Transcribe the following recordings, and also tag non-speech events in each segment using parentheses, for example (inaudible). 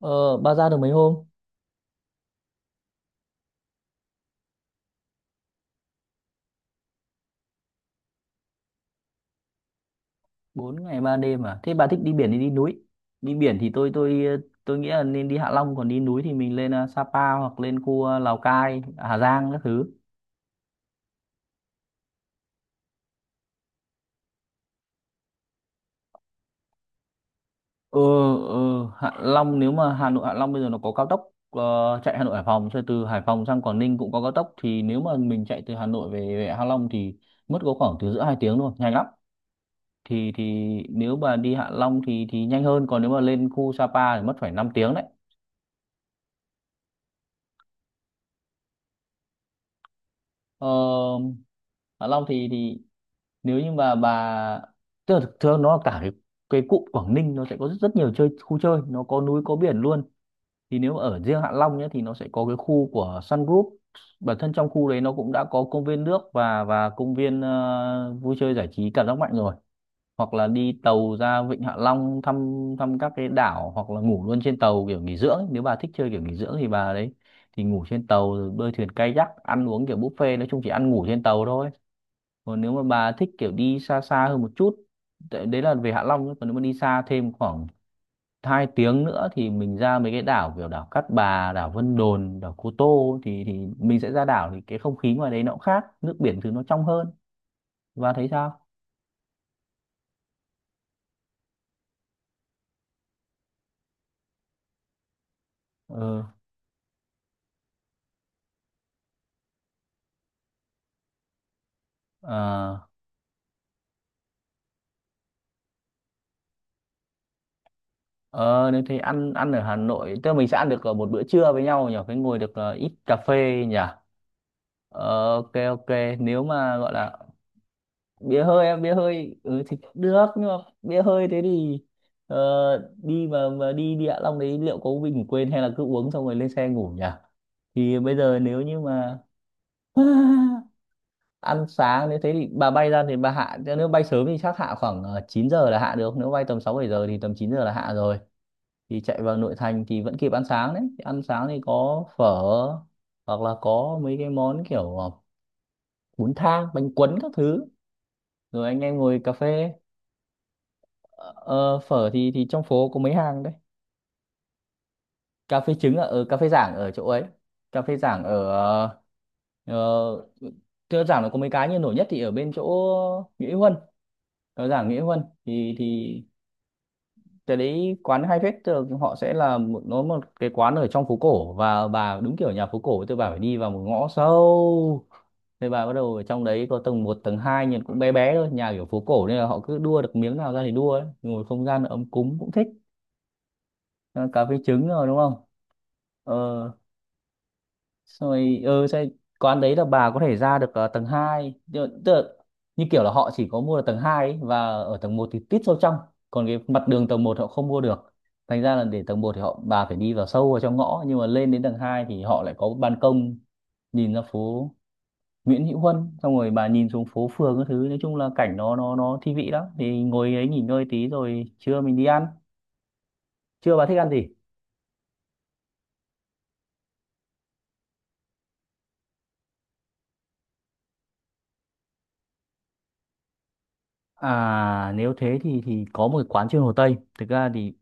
Ờ, bà ra được mấy hôm? Bốn ngày 3 đêm à? Thế bà thích đi biển thì đi núi. Đi biển thì tôi tôi nghĩ là nên đi Hạ Long, còn đi núi thì mình lên Sapa, hoặc lên khu Lào Cai, Hà Giang các thứ. Ờ ờ Hạ Long, nếu mà Hà Nội Hạ Long bây giờ nó có cao tốc, chạy Hà Nội Hải Phòng rồi từ Hải Phòng sang Quảng Ninh cũng có cao tốc, thì nếu mà mình chạy từ Hà Nội về Hạ Long thì mất có khoảng từ giữa 2 tiếng thôi, nhanh lắm. Thì Nếu mà đi Hạ Long thì nhanh hơn, còn nếu mà lên khu Sapa thì mất phải năm tiếng đấy. Ờ Hạ Long thì nếu như mà bà, tức là thực thường nó cả cái cụm Quảng Ninh, nó sẽ có rất, rất nhiều chơi khu chơi, nó có núi có biển luôn. Thì nếu mà ở riêng Hạ Long nhé thì nó sẽ có cái khu của Sun Group. Bản thân trong khu đấy nó cũng đã có công viên nước, và công viên vui chơi giải trí cảm giác mạnh rồi. Hoặc là đi tàu ra Vịnh Hạ Long thăm, thăm các cái đảo, hoặc là ngủ luôn trên tàu kiểu nghỉ dưỡng ấy. Nếu bà thích chơi kiểu nghỉ dưỡng thì bà đấy thì ngủ trên tàu, rồi bơi thuyền kayak, ăn uống kiểu buffet, nói chung chỉ ăn ngủ trên tàu thôi. Còn nếu mà bà thích kiểu đi xa xa hơn một chút, đấy là về Hạ Long nhé, còn nếu mà đi xa thêm khoảng hai tiếng nữa thì mình ra mấy cái đảo, kiểu đảo Cát Bà, đảo Vân Đồn, đảo Cô Tô, thì mình sẽ ra đảo, thì cái không khí ngoài đấy nó cũng khác, nước biển thứ nó trong hơn, và thấy sao. ừ ờ ờ Nếu thế ăn, ở Hà Nội tức là mình sẽ ăn được một bữa trưa với nhau nhỉ, cái ngồi được ít cà phê nhỉ. Ờ, ok, ok, nếu mà gọi là bia hơi, em bia hơi, ừ, thì cũng được, nhưng mà bia hơi thế thì đi mà đi địa long đấy liệu có bị ngủ quên, hay là cứ uống xong rồi lên xe ngủ nhỉ, thì bây giờ nếu như mà (laughs) (sighs) ăn sáng, nếu thế thì bà bay ra thì bà hạ, nếu bay sớm thì chắc hạ khoảng 9 giờ là hạ được, nếu bay tầm 6 7 giờ thì tầm 9 giờ là hạ rồi, thì chạy vào nội thành thì vẫn kịp ăn sáng đấy. Thì ăn sáng thì có phở, hoặc là có mấy cái món kiểu bún thang, bánh cuốn các thứ, rồi anh em ngồi cà phê. Ờ, phở thì trong phố có mấy hàng đấy. Cà phê trứng ở ở cà phê Giảng, ở chỗ ấy. Cà phê Giảng ở ờ, thưa Giảng, nó có mấy cái nhưng nổi nhất thì ở bên chỗ Nghĩa Huân. Ở Giảng Nghĩa Huân thì cái đấy quán hay phết, thường họ sẽ là một, nó một cái quán ở trong phố cổ, và bà đúng kiểu nhà phố cổ, tôi bà phải đi vào một ngõ sâu. Thế bà bắt đầu ở trong đấy có tầng một tầng hai, nhìn cũng bé bé thôi, nhà kiểu phố cổ nên là họ cứ đua được miếng nào ra thì đua ấy. Ngồi không gian ấm cúng cũng thích. Cà phê trứng rồi đúng không? ờ Xong rồi quán đấy là bà có thể ra được tầng hai, tức tức là, như kiểu là họ chỉ có mua được tầng 2 ấy, và ở tầng một thì tít sâu trong, còn cái mặt đường tầng một họ không mua được, thành ra là để tầng một thì họ bà phải đi vào sâu vào trong ngõ, nhưng mà lên đến tầng 2 thì họ lại có ban công nhìn ra phố Nguyễn Hữu Huân, xong rồi bà nhìn xuống phố phường các thứ, nói chung là cảnh nó thi vị lắm, thì ngồi đấy nghỉ ngơi tí rồi trưa mình đi ăn. Trưa bà thích ăn gì? À, nếu thế thì có một cái quán trên Hồ Tây. Thực ra thì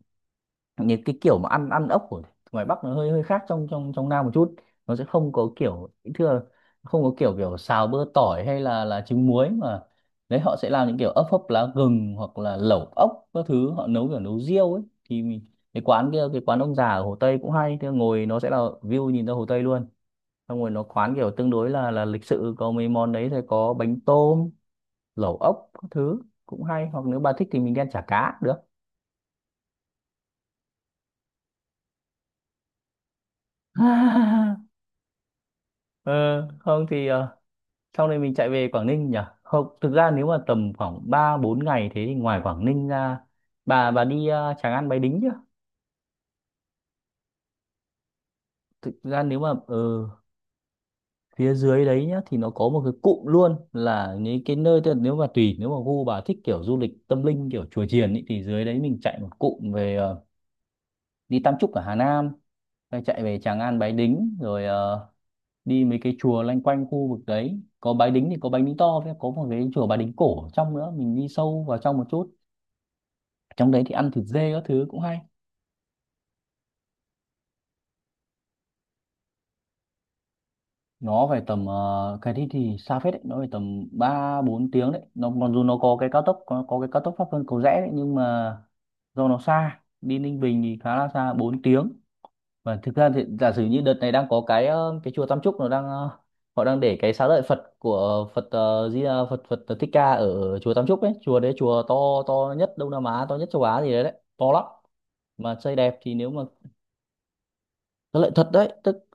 những cái kiểu mà ăn, ăn ốc của ngoài Bắc nó hơi hơi khác trong trong trong Nam một chút, nó sẽ không có kiểu thưa, không có kiểu, kiểu xào bơ tỏi hay là trứng muối, mà đấy họ sẽ làm những kiểu ốc hấp lá gừng, hoặc là lẩu ốc các thứ, họ nấu kiểu nấu riêu ấy, thì mình, cái quán kia cái quán ông già ở Hồ Tây cũng hay, thưa ngồi nó sẽ là view nhìn ra Hồ Tây luôn, xong rồi nó quán kiểu tương đối là lịch sự, có mấy món đấy sẽ có bánh tôm, lẩu ốc các thứ, cũng hay. Hoặc nếu bà thích thì mình đi ăn chả cá cũng được. (laughs) Ờ, không thì sau này mình chạy về Quảng Ninh nhỉ. Không, thực ra nếu mà tầm khoảng 3 4 ngày thế thì ngoài Quảng Ninh ra, bà đi Tràng An Bái Đính chưa? Thực ra nếu mà phía dưới đấy nhá thì nó có một cái cụm luôn là những cái nơi, tức là nếu mà tùy, nếu mà gu bà thích kiểu du lịch tâm linh kiểu chùa chiền ý, thì dưới đấy mình chạy một cụm về, đi Tam Trúc ở Hà Nam, rồi chạy về Tràng An Bái Đính, rồi đi mấy cái chùa loanh quanh khu vực đấy, có Bái Đính thì có Bái Đính to, với có một cái chùa Bái Đính cổ ở trong nữa, mình đi sâu vào trong một chút. Trong đấy thì ăn thịt dê các thứ cũng hay. Nó phải tầm cái đi thì xa phết đấy, nó phải tầm ba bốn tiếng đấy, nó mặc dù nó có cái cao tốc, có cái cao tốc Pháp Vân Cầu Rẽ đấy, nhưng mà do nó xa, đi Ninh Bình thì khá là xa, 4 tiếng. Và thực ra thì giả sử như đợt này đang có cái cái chùa Tam Trúc, nó đang họ đang để cái xá lợi Phật của Phật, Phật Phật Thích Ca ở chùa Tam Trúc ấy, chùa đấy chùa to, to nhất Đông Nam Á, to nhất châu Á gì đấy, đấy to lắm, mà xây đẹp. Thì nếu mà, xá lợi thật đấy tức,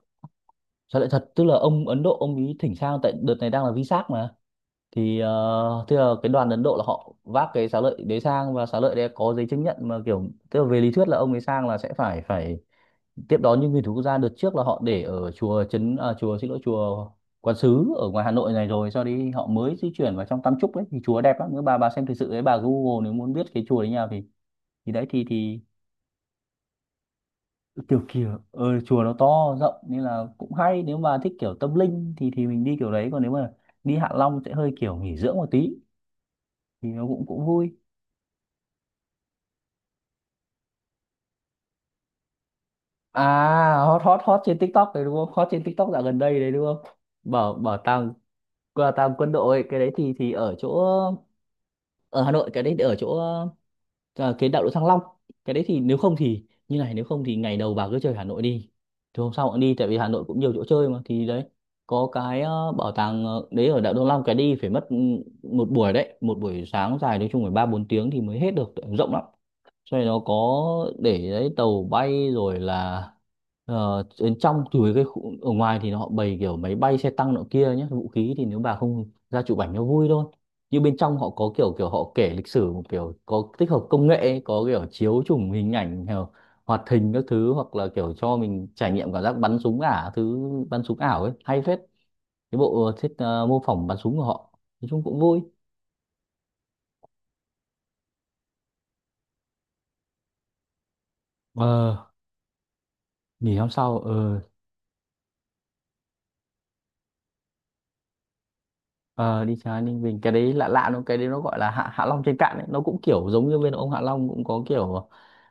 sao lại thật? Tức là ông Ấn Độ ông ý thỉnh sang, tại đợt này đang là VSAC mà. Thì ờ, tức là cái đoàn Ấn Độ là họ vác cái xá lợi đấy sang, và xá lợi đấy có giấy chứng nhận, mà kiểu tức là về lý thuyết là ông ấy sang là sẽ phải phải tiếp đón những nguyên thủ quốc gia. Đợt trước là họ để ở chùa chùa, xin lỗi, chùa Quán Sứ ở ngoài Hà Nội này, rồi sau đi họ mới di chuyển vào trong Tam Trúc đấy, thì chùa đẹp lắm, nếu bà xem thực sự đấy bà Google, nếu muốn biết cái chùa đấy như nào thì đấy thì kiểu, chùa nó to rộng nên là cũng hay, nếu mà thích kiểu tâm linh thì mình đi kiểu đấy, còn nếu mà đi Hạ Long sẽ hơi kiểu nghỉ dưỡng một tí, thì nó cũng cũng vui. À, hot, hot, hot trên TikTok đấy đúng không, hot trên TikTok dạo gần đây đấy đúng không. Bảo Bảo tàng, qua tàng quân đội, cái đấy thì ở chỗ, ở Hà Nội cái đấy ở chỗ cái đại lộ Thăng Long. Cái đấy thì nếu không thì như này, nếu không thì ngày đầu bà cứ chơi Hà Nội đi, thì hôm sau cũng đi, tại vì Hà Nội cũng nhiều chỗ chơi mà. Thì đấy có cái bảo tàng đấy ở đại lộ Thăng Long, cái đi phải mất một buổi đấy, một buổi sáng dài, nói chung phải ba bốn tiếng thì mới hết được, rộng lắm. Cho nên nó có để đấy tàu bay rồi là, đến trong từ cái khu, ở ngoài thì họ bày kiểu máy bay, xe tăng nọ kia nhé, vũ khí, thì nếu bà không ra chụp ảnh nó vui thôi, nhưng bên trong họ có kiểu, kiểu họ kể lịch sử một kiểu có tích hợp công nghệ ấy, có kiểu chiếu chụp hình ảnh kiểu hoạt hình các thứ, hoặc là kiểu cho mình trải nghiệm cảm giác bắn súng ảo thứ, bắn súng ảo ấy Hay phết. Cái bộ thiết mô phỏng bắn súng của họ nói chung cũng vui. ờ Nghỉ hôm sau. Ờ Ờ, đi trái Ninh Bình, cái đấy lạ lạ, nó cái đấy nó gọi là Hạ Hạ Long trên cạn ấy, nó cũng kiểu giống như bên ông Hạ Long, cũng có kiểu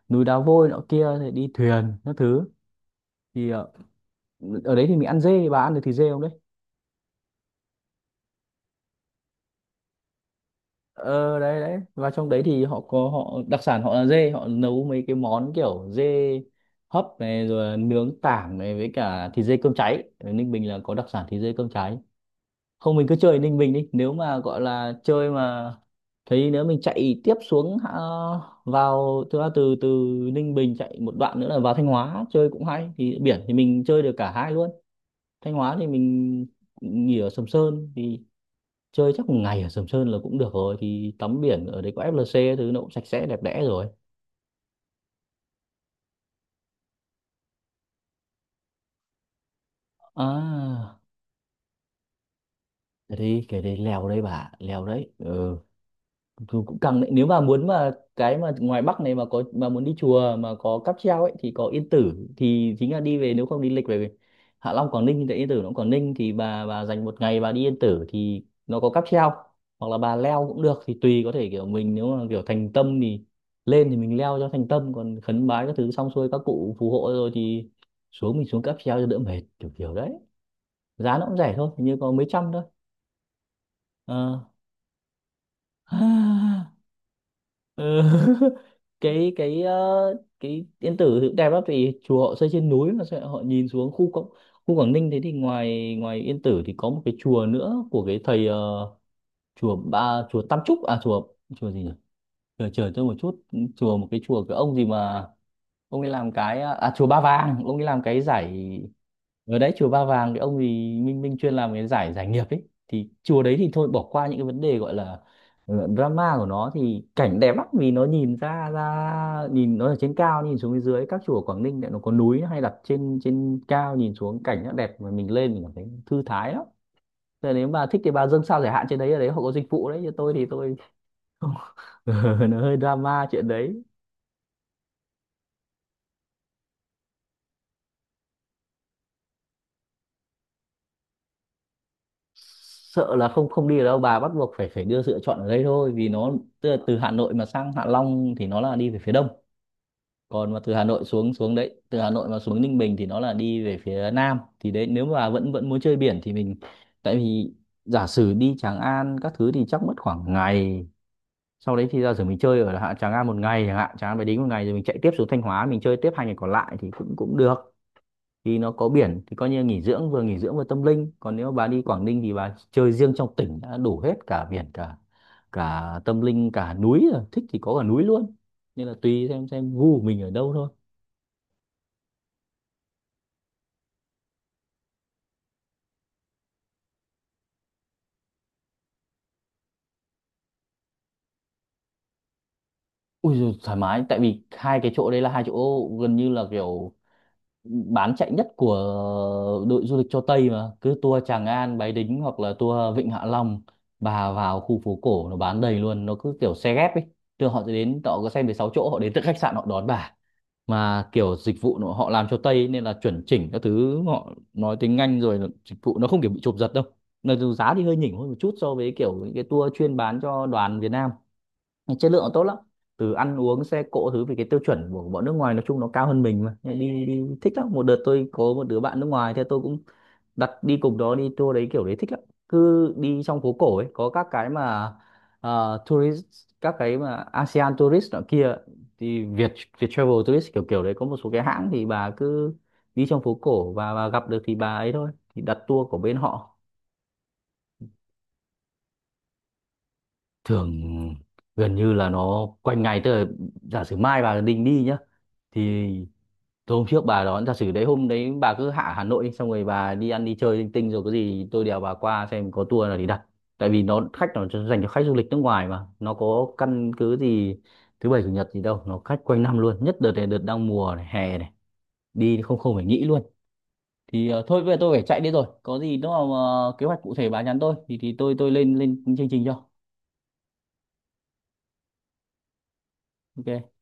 núi đá vôi nọ kia thì đi thuyền các thứ. Thì ở đấy thì mình ăn dê, bà ăn được thịt dê không đấy? Ờ Đấy đấy, và trong đấy thì họ có, họ đặc sản họ là dê, họ nấu mấy cái món kiểu dê hấp này, rồi là nướng tảng này, với cả thịt dê cơm cháy. Ở Ninh Bình là có đặc sản thịt dê cơm cháy. Không, mình cứ chơi Ninh Bình đi, nếu mà gọi là chơi mà. Thế nếu mình chạy tiếp xuống vào từ từ từ Ninh Bình chạy một đoạn nữa là vào Thanh Hóa chơi cũng hay, thì biển thì mình chơi được cả hai luôn. Thanh Hóa thì mình nghỉ ở Sầm Sơn, thì chơi chắc một ngày ở Sầm Sơn là cũng được rồi, thì tắm biển ở đấy có FLC thứ, nó cũng sạch sẽ đẹp đẽ rồi. À, thế đi cái đấy lèo đây, bà lèo đấy ừ. Cũng cũng càng nếu mà muốn mà cái mà ngoài Bắc này mà có mà muốn đi chùa mà có cáp treo ấy, thì có Yên Tử, thì chính là đi về, nếu không đi lịch về Hạ Long Quảng Ninh thì tại Yên Tử nó cũng Quảng Ninh, thì bà dành một ngày bà đi Yên Tử thì nó có cáp treo, hoặc là bà leo cũng được thì tùy. Có thể kiểu mình nếu mà kiểu thành tâm thì lên thì mình leo cho thành tâm, còn khấn bái các thứ xong xuôi, các cụ phù hộ rồi thì xuống, mình xuống cáp treo cho đỡ mệt, kiểu kiểu đấy. Giá nó cũng rẻ thôi, hình như có mấy trăm thôi. Ờ. (sighs) Ừ. (laughs) cái cái ờ, cái Yên Tử thì cũng đẹp lắm, vì chùa họ xây trên núi mà sao họ nhìn xuống khu Quảng Ninh. Thế thì ngoài ngoài Yên Tử thì có một cái chùa nữa của cái thầy chùa ba chùa Tam Trúc à chùa, chùa gì nhỉ, chờ chờ tôi một chút, chùa một cái chùa cái ông gì mà ông ấy làm cái, à chùa Ba Vàng, ông ấy làm cái giải ở đấy. Chùa Ba Vàng cái ông thì Minh Minh chuyên làm cái giải giải nghiệp ấy, thì chùa đấy thì thôi bỏ qua những cái vấn đề gọi là drama của nó, thì cảnh đẹp lắm vì nó nhìn ra ra nhìn, nó ở trên cao nhìn xuống phía dưới, các chùa ở Quảng Ninh lại nó có núi hay đặt trên trên cao nhìn xuống cảnh nó đẹp, mà mình lên mình cảm thấy thư thái lắm. Thế nếu bà thích thì bà dâng sao giải hạn trên đấy, ở đấy họ có dịch vụ đấy, chứ tôi thì tôi (laughs) nó hơi drama chuyện đấy. Sợ là không, không đi được đâu bà, bắt buộc phải phải đưa sự lựa chọn ở đây thôi, vì nó tức là từ Hà Nội mà sang Hạ Long thì nó là đi về phía đông, còn mà từ Hà Nội xuống xuống đấy, từ Hà Nội mà xuống Ninh Bình thì nó là đi về phía nam, thì đấy nếu mà vẫn vẫn muốn chơi biển thì mình, tại vì giả sử đi Tràng An các thứ thì chắc mất khoảng ngày, sau đấy thì giả sử mình chơi ở Tràng An một ngày chẳng hạn, Tràng An phải đính một ngày, rồi mình chạy tiếp xuống Thanh Hóa mình chơi tiếp hai ngày còn lại thì cũng cũng được, thì nó có biển thì coi như nghỉ dưỡng, vừa nghỉ dưỡng vừa tâm linh. Còn nếu bà đi Quảng Ninh thì bà chơi riêng trong tỉnh đã đủ hết, cả biển, cả cả tâm linh, cả núi rồi, thích thì có cả núi luôn. Nên là tùy xem gu của mình ở đâu thôi. Ui rồi, thoải mái, tại vì hai cái chỗ đấy là hai chỗ gần như là kiểu bán chạy nhất của đội du lịch cho Tây mà, cứ tour Tràng An Bái Đính hoặc là tour Vịnh Hạ Long. Bà vào khu phố cổ nó bán đầy luôn, nó cứ kiểu xe ghép ấy, thường họ sẽ đến, họ có xe đến 6 chỗ, họ đến từ khách sạn họ đón bà mà, kiểu dịch vụ nó- họ làm cho Tây ấy, nên là chuẩn chỉnh các thứ, họ nói tiếng Anh, rồi là dịch vụ nó không kiểu bị chụp giật đâu, nên dù giá thì hơi nhỉnh hơn một chút so với kiểu những cái tour chuyên bán cho đoàn Việt Nam, chất lượng nó tốt lắm, từ ăn uống xe cộ thứ, vì cái tiêu chuẩn của bọn nước ngoài nói chung nó cao hơn mình mà, đi đi thích lắm. Một đợt tôi có một đứa bạn nước ngoài, thế tôi cũng đặt đi cùng đó, đi tour đấy kiểu đấy thích lắm. Cứ đi trong phố cổ ấy, có các cái mà tourist, các cái mà ASEAN tourist nọ kia, thì Việt Việt Travel tourist kiểu kiểu đấy, có một số cái hãng, thì bà cứ đi trong phố cổ và gặp được thì bà ấy thôi thì đặt tour của bên họ. Thường gần như là nó quanh ngày, tức là giả sử mai bà định đi nhá, thì tôi hôm trước bà đón, giả sử đấy hôm đấy bà cứ Hà Nội đi, xong rồi bà đi ăn đi chơi linh tinh, rồi có gì tôi đèo bà qua xem có tour nào để đặt, tại vì nó khách nó dành cho khách du lịch nước ngoài mà, nó có căn cứ gì thứ bảy chủ nhật gì đâu, nó khách quanh năm luôn, nhất đợt này đợt đang mùa này, hè này đi không, không phải nghĩ luôn. Thì thôi bây giờ tôi phải chạy đi, rồi có gì nó mà kế hoạch cụ thể bà nhắn tôi, thì tôi lên lên chương trình cho. OK.